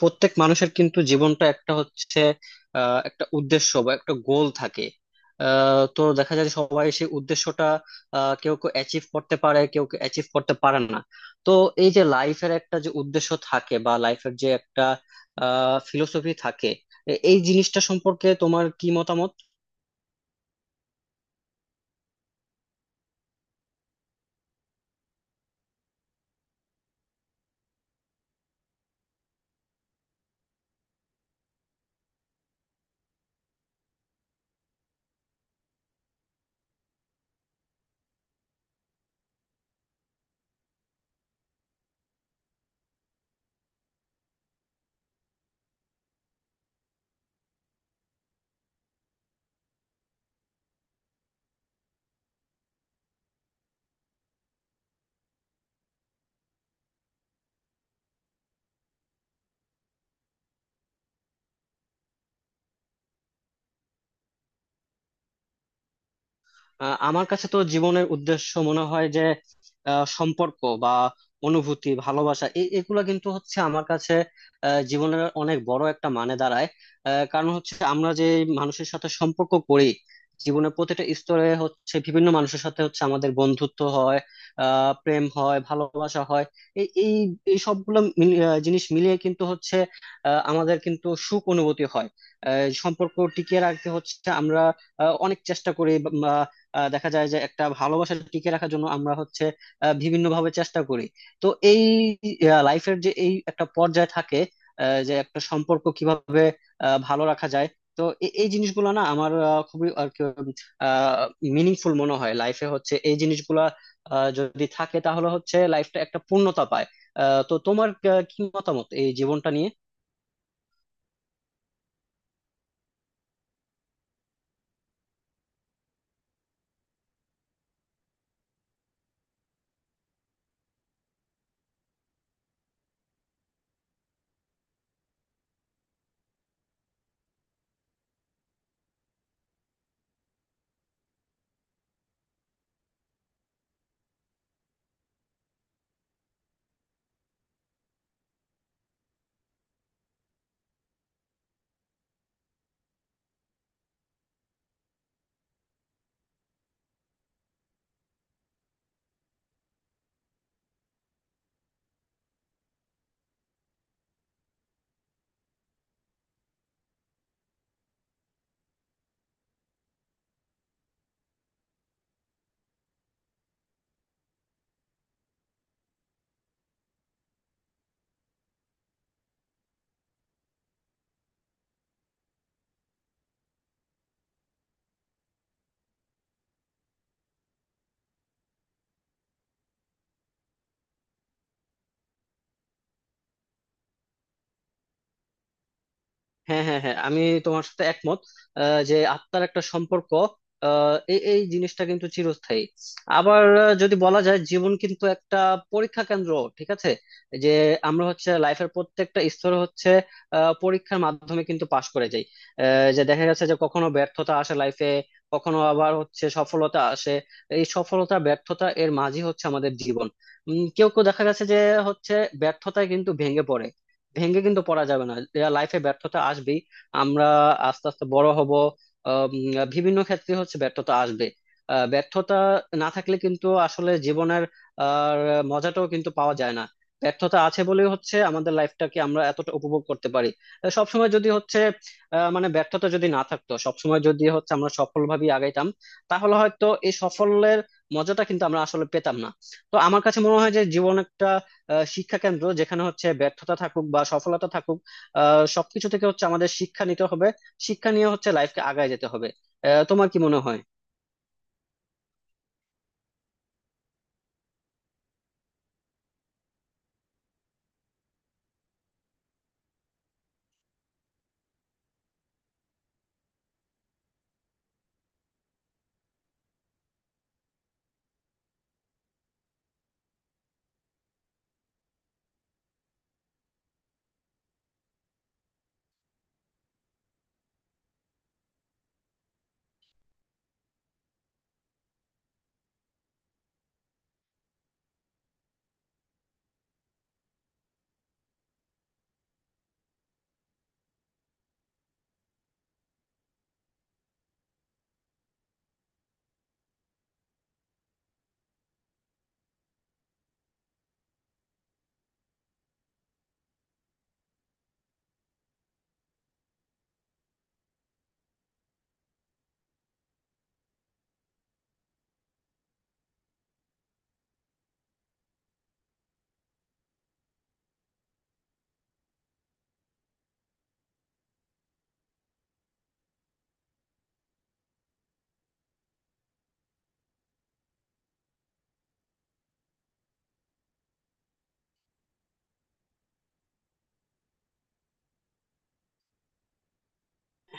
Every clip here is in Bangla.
প্রত্যেক মানুষের কিন্তু জীবনটা একটা হচ্ছে একটা উদ্দেশ্য বা একটা গোল থাকে। তো দেখা যায় যে সবাই সেই উদ্দেশ্যটা কেউ কেউ অ্যাচিভ করতে পারে, কেউ কেউ অ্যাচিভ করতে পারে না। তো এই যে লাইফের একটা যে উদ্দেশ্য থাকে বা লাইফের যে একটা ফিলোসফি থাকে, এই জিনিসটা সম্পর্কে তোমার কি মতামত? আমার কাছে তো জীবনের উদ্দেশ্য মনে হয় যে সম্পর্ক বা অনুভূতি, ভালোবাসা, এগুলা কিন্তু হচ্ছে আমার কাছে জীবনের অনেক বড় একটা মানে দাঁড়ায়। কারণ হচ্ছে আমরা যে মানুষের সাথে সম্পর্ক করি, জীবনের প্রতিটা স্তরে হচ্ছে বিভিন্ন মানুষের সাথে হচ্ছে আমাদের বন্ধুত্ব হয়, প্রেম হয়, ভালোবাসা হয়। এই এই এই সবগুলো জিনিস মিলিয়ে কিন্তু হচ্ছে আমাদের কিন্তু সুখ অনুভূতি হয়। সম্পর্ক টিকিয়ে রাখতে হচ্ছে আমরা অনেক চেষ্টা করি। দেখা যায় যে একটা ভালোবাসা টিকে রাখার জন্য আমরা হচ্ছে বিভিন্ন ভাবে চেষ্টা করি। তো এই লাইফের যে এই একটা পর্যায় থাকে যে একটা সম্পর্ক কিভাবে ভালো রাখা যায়। তো এই জিনিসগুলো না আমার খুবই আর কি মিনিংফুল মনে হয়, লাইফে হচ্ছে এই জিনিসগুলা যদি থাকে তাহলে হচ্ছে লাইফটা একটা পূর্ণতা পায়। তো তোমার কি মতামত এই জীবনটা নিয়ে? হ্যাঁ, হ্যাঁ, হ্যাঁ, আমি তোমার সাথে একমত। যে আত্মার একটা সম্পর্ক, এই এই জিনিসটা কিন্তু চিরস্থায়ী। আবার যদি বলা যায় জীবন কিন্তু একটা পরীক্ষা কেন্দ্র, ঠিক আছে, যে আমরা হচ্ছে লাইফের প্রত্যেকটা স্তরে হচ্ছে পরীক্ষার মাধ্যমে কিন্তু পাশ করে যাই। যে দেখা যাচ্ছে যে কখনো ব্যর্থতা আসে লাইফে, কখনো আবার হচ্ছে সফলতা আসে। এই সফলতা ব্যর্থতা এর মাঝে হচ্ছে আমাদের জীবন। কেউ কেউ দেখা গেছে যে হচ্ছে ব্যর্থতায় কিন্তু ভেঙে পড়ে। ভেঙে কিন্তু পড়া যাবে না, লাইফে ব্যর্থতা আসবেই। আমরা আস্তে আস্তে বড় হব, বিভিন্ন ক্ষেত্রে হচ্ছে ব্যর্থতা আসবে। ব্যর্থতা না থাকলে কিন্তু আসলে জীবনের আর মজাটাও কিন্তু পাওয়া যায় না। ব্যর্থতা আছে বলেই হচ্ছে আমাদের লাইফটাকে আমরা এতটা উপভোগ করতে পারি। সবসময় যদি হচ্ছে মানে ব্যর্থতা যদি না থাকতো, সবসময় যদি হচ্ছে আমরা সফলভাবে আগাইতাম, তাহলে হয়তো এই সফলের মজাটা কিন্তু আমরা আসলে পেতাম না। তো আমার কাছে মনে হয় যে জীবন একটা শিক্ষা কেন্দ্র, যেখানে হচ্ছে ব্যর্থতা থাকুক বা সফলতা থাকুক, সবকিছু থেকে হচ্ছে আমাদের শিক্ষা নিতে হবে। শিক্ষা নিয়ে হচ্ছে লাইফকে আগায় যেতে হবে। তোমার কি মনে হয়?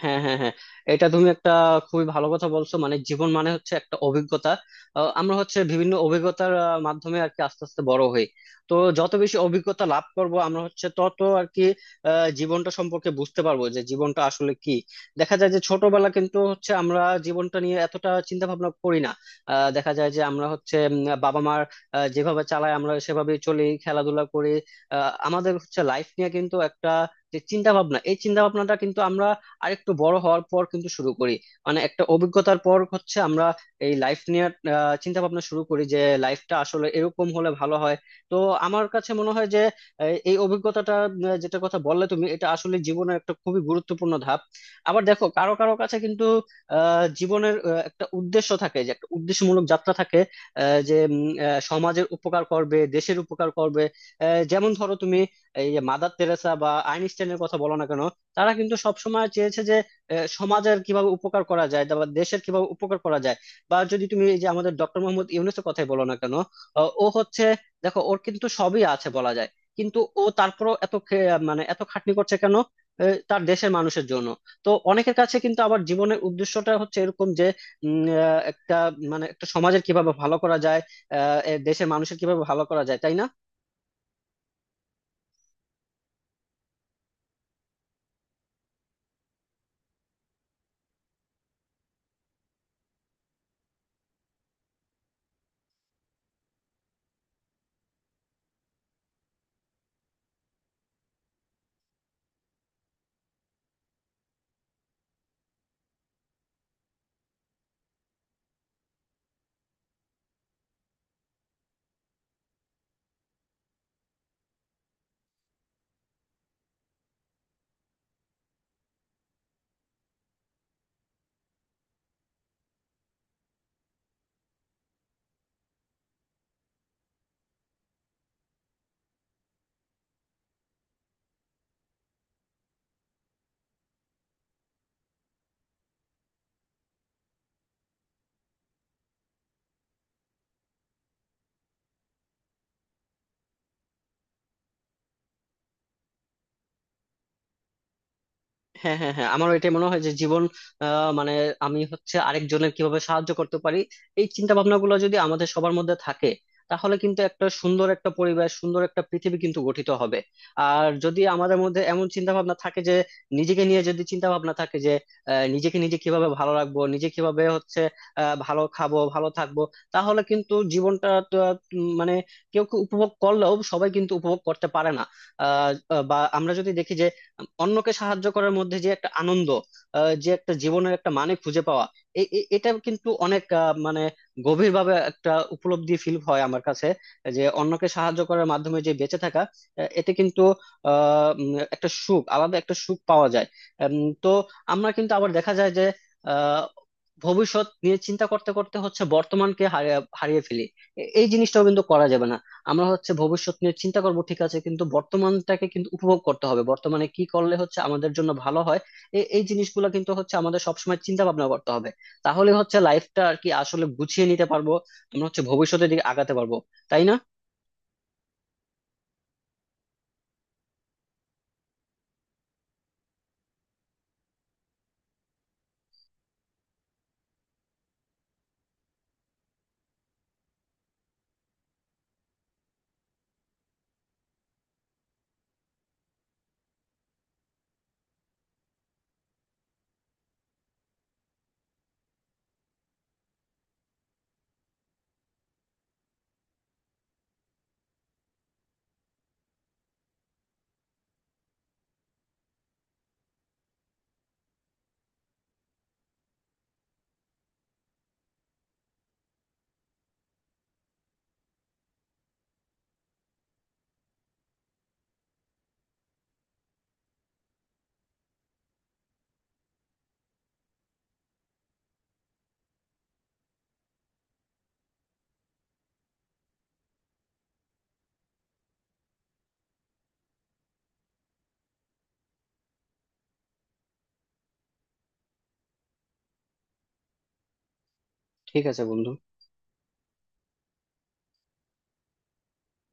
হ্যাঁ, হ্যাঁ, হ্যাঁ, এটা তুমি একটা খুবই ভালো কথা বলছো। মানে জীবন মানে হচ্ছে একটা অভিজ্ঞতা। আমরা হচ্ছে বিভিন্ন অভিজ্ঞতার মাধ্যমে আর কি আস্তে আস্তে বড় হই। তো যত বেশি অভিজ্ঞতা লাভ করব আমরা হচ্ছে তত আর কি জীবনটা সম্পর্কে বুঝতে পারবো যে জীবনটা আসলে কি। দেখা যায় যে ছোটবেলা কিন্তু হচ্ছে আমরা জীবনটা নিয়ে এতটা চিন্তা ভাবনা করি না। দেখা যায় যে আমরা হচ্ছে বাবা মার যেভাবে চালায় আমরা সেভাবেই চলি, খেলাধুলা করি। আমাদের হচ্ছে লাইফ নিয়ে কিন্তু একটা যে চিন্তা ভাবনা, এই চিন্তা ভাবনাটা কিন্তু আমরা আর একটু বড় হওয়ার পর কিন্তু শুরু করি। মানে একটা অভিজ্ঞতার পর হচ্ছে আমরা এই লাইফ নিয়ে চিন্তা ভাবনা শুরু করি যে লাইফটা আসলে এরকম হলে ভালো হয়। তো আমার কাছে মনে হয় যে এই এই অভিজ্ঞতাটা যেটা কথা বললে তুমি, এটা আসলে জীবনের একটা খুবই গুরুত্বপূর্ণ ধাপ। আবার দেখো কারো কারো কাছে কিন্তু জীবনের একটা উদ্দেশ্য থাকে, যে একটা উদ্দেশ্যমূলক যাত্রা থাকে, যে সমাজের উপকার করবে, দেশের উপকার করবে। যেমন ধরো তুমি এই যে মাদার তেরেসা বা আইনস্টাইনের কথা বলো না কেন, তারা কিন্তু সবসময় চেয়েছে যে সমাজের কিভাবে উপকার করা যায় বা দেশের কিভাবে উপকার করা যায়। বা যদি তুমি এই যে আমাদের ডক্টর মোহাম্মদ ইউনূসের কথাই বলো না কেন, ও হচ্ছে, দেখো ওর কিন্তু সবই আছে বলা যায়, কিন্তু ও তারপরও মানে এত খাটনি করছে কেন? তার দেশের মানুষের জন্য। তো অনেকের কাছে কিন্তু আবার জীবনের উদ্দেশ্যটা হচ্ছে এরকম যে উম, আহ, একটা মানে একটা সমাজের কিভাবে ভালো করা যায়, এ দেশের মানুষের কিভাবে ভালো করা যায়, তাই না? হ্যাঁ, হ্যাঁ, হ্যাঁ, আমারও এটাই মনে হয় যে জীবন, মানে আমি হচ্ছে আরেকজনের কিভাবে সাহায্য করতে পারি, এই চিন্তা ভাবনা গুলো যদি আমাদের সবার মধ্যে থাকে, তাহলে কিন্তু একটা সুন্দর একটা পরিবেশ, সুন্দর একটা পৃথিবী কিন্তু গঠিত হবে। আর যদি আমাদের মধ্যে এমন চিন্তা ভাবনা থাকে যে নিজেকে নিয়ে যদি চিন্তা ভাবনা থাকে যে নিজেকে নিজে কিভাবে ভালো রাখবো, নিজে কিভাবে হচ্ছে ভালো খাবো ভালো থাকবো, তাহলে কিন্তু জীবনটা তো, মানে কেউ কেউ উপভোগ করলেও সবাই কিন্তু উপভোগ করতে পারে না। আহ, বা আমরা যদি দেখি যে অন্যকে সাহায্য করার মধ্যে যে একটা আনন্দ, যে একটা জীবনের একটা মানে খুঁজে পাওয়া, এটা কিন্তু অনেক মানে গভীরভাবে একটা উপলব্ধি ফিল হয় আমার কাছে, যে অন্যকে সাহায্য করার মাধ্যমে যে বেঁচে থাকা, এতে কিন্তু আহ উম, একটা সুখ আলাদা একটা সুখ পাওয়া যায়। তো আমরা কিন্তু আবার দেখা যায় যে আহ ভবিষ্যৎ নিয়ে চিন্তা করতে করতে হচ্ছে বর্তমানকে হারিয়ে হারিয়ে ফেলি। এই জিনিসটাও কিন্তু করা যাবে না। আমরা হচ্ছে ভবিষ্যৎ নিয়ে চিন্তা করব, ঠিক আছে, কিন্তু বর্তমানটাকে কিন্তু উপভোগ করতে হবে, বর্তমানে কি করলে হচ্ছে আমাদের জন্য ভালো হয়, এই জিনিসগুলো কিন্তু হচ্ছে আমাদের সবসময় চিন্তা ভাবনা করতে হবে। তাহলে হচ্ছে লাইফটা আর কি আসলে গুছিয়ে নিতে পারবো, আমরা হচ্ছে ভবিষ্যতের দিকে আগাতে পারবো, তাই না? ঠিক আছে বন্ধু।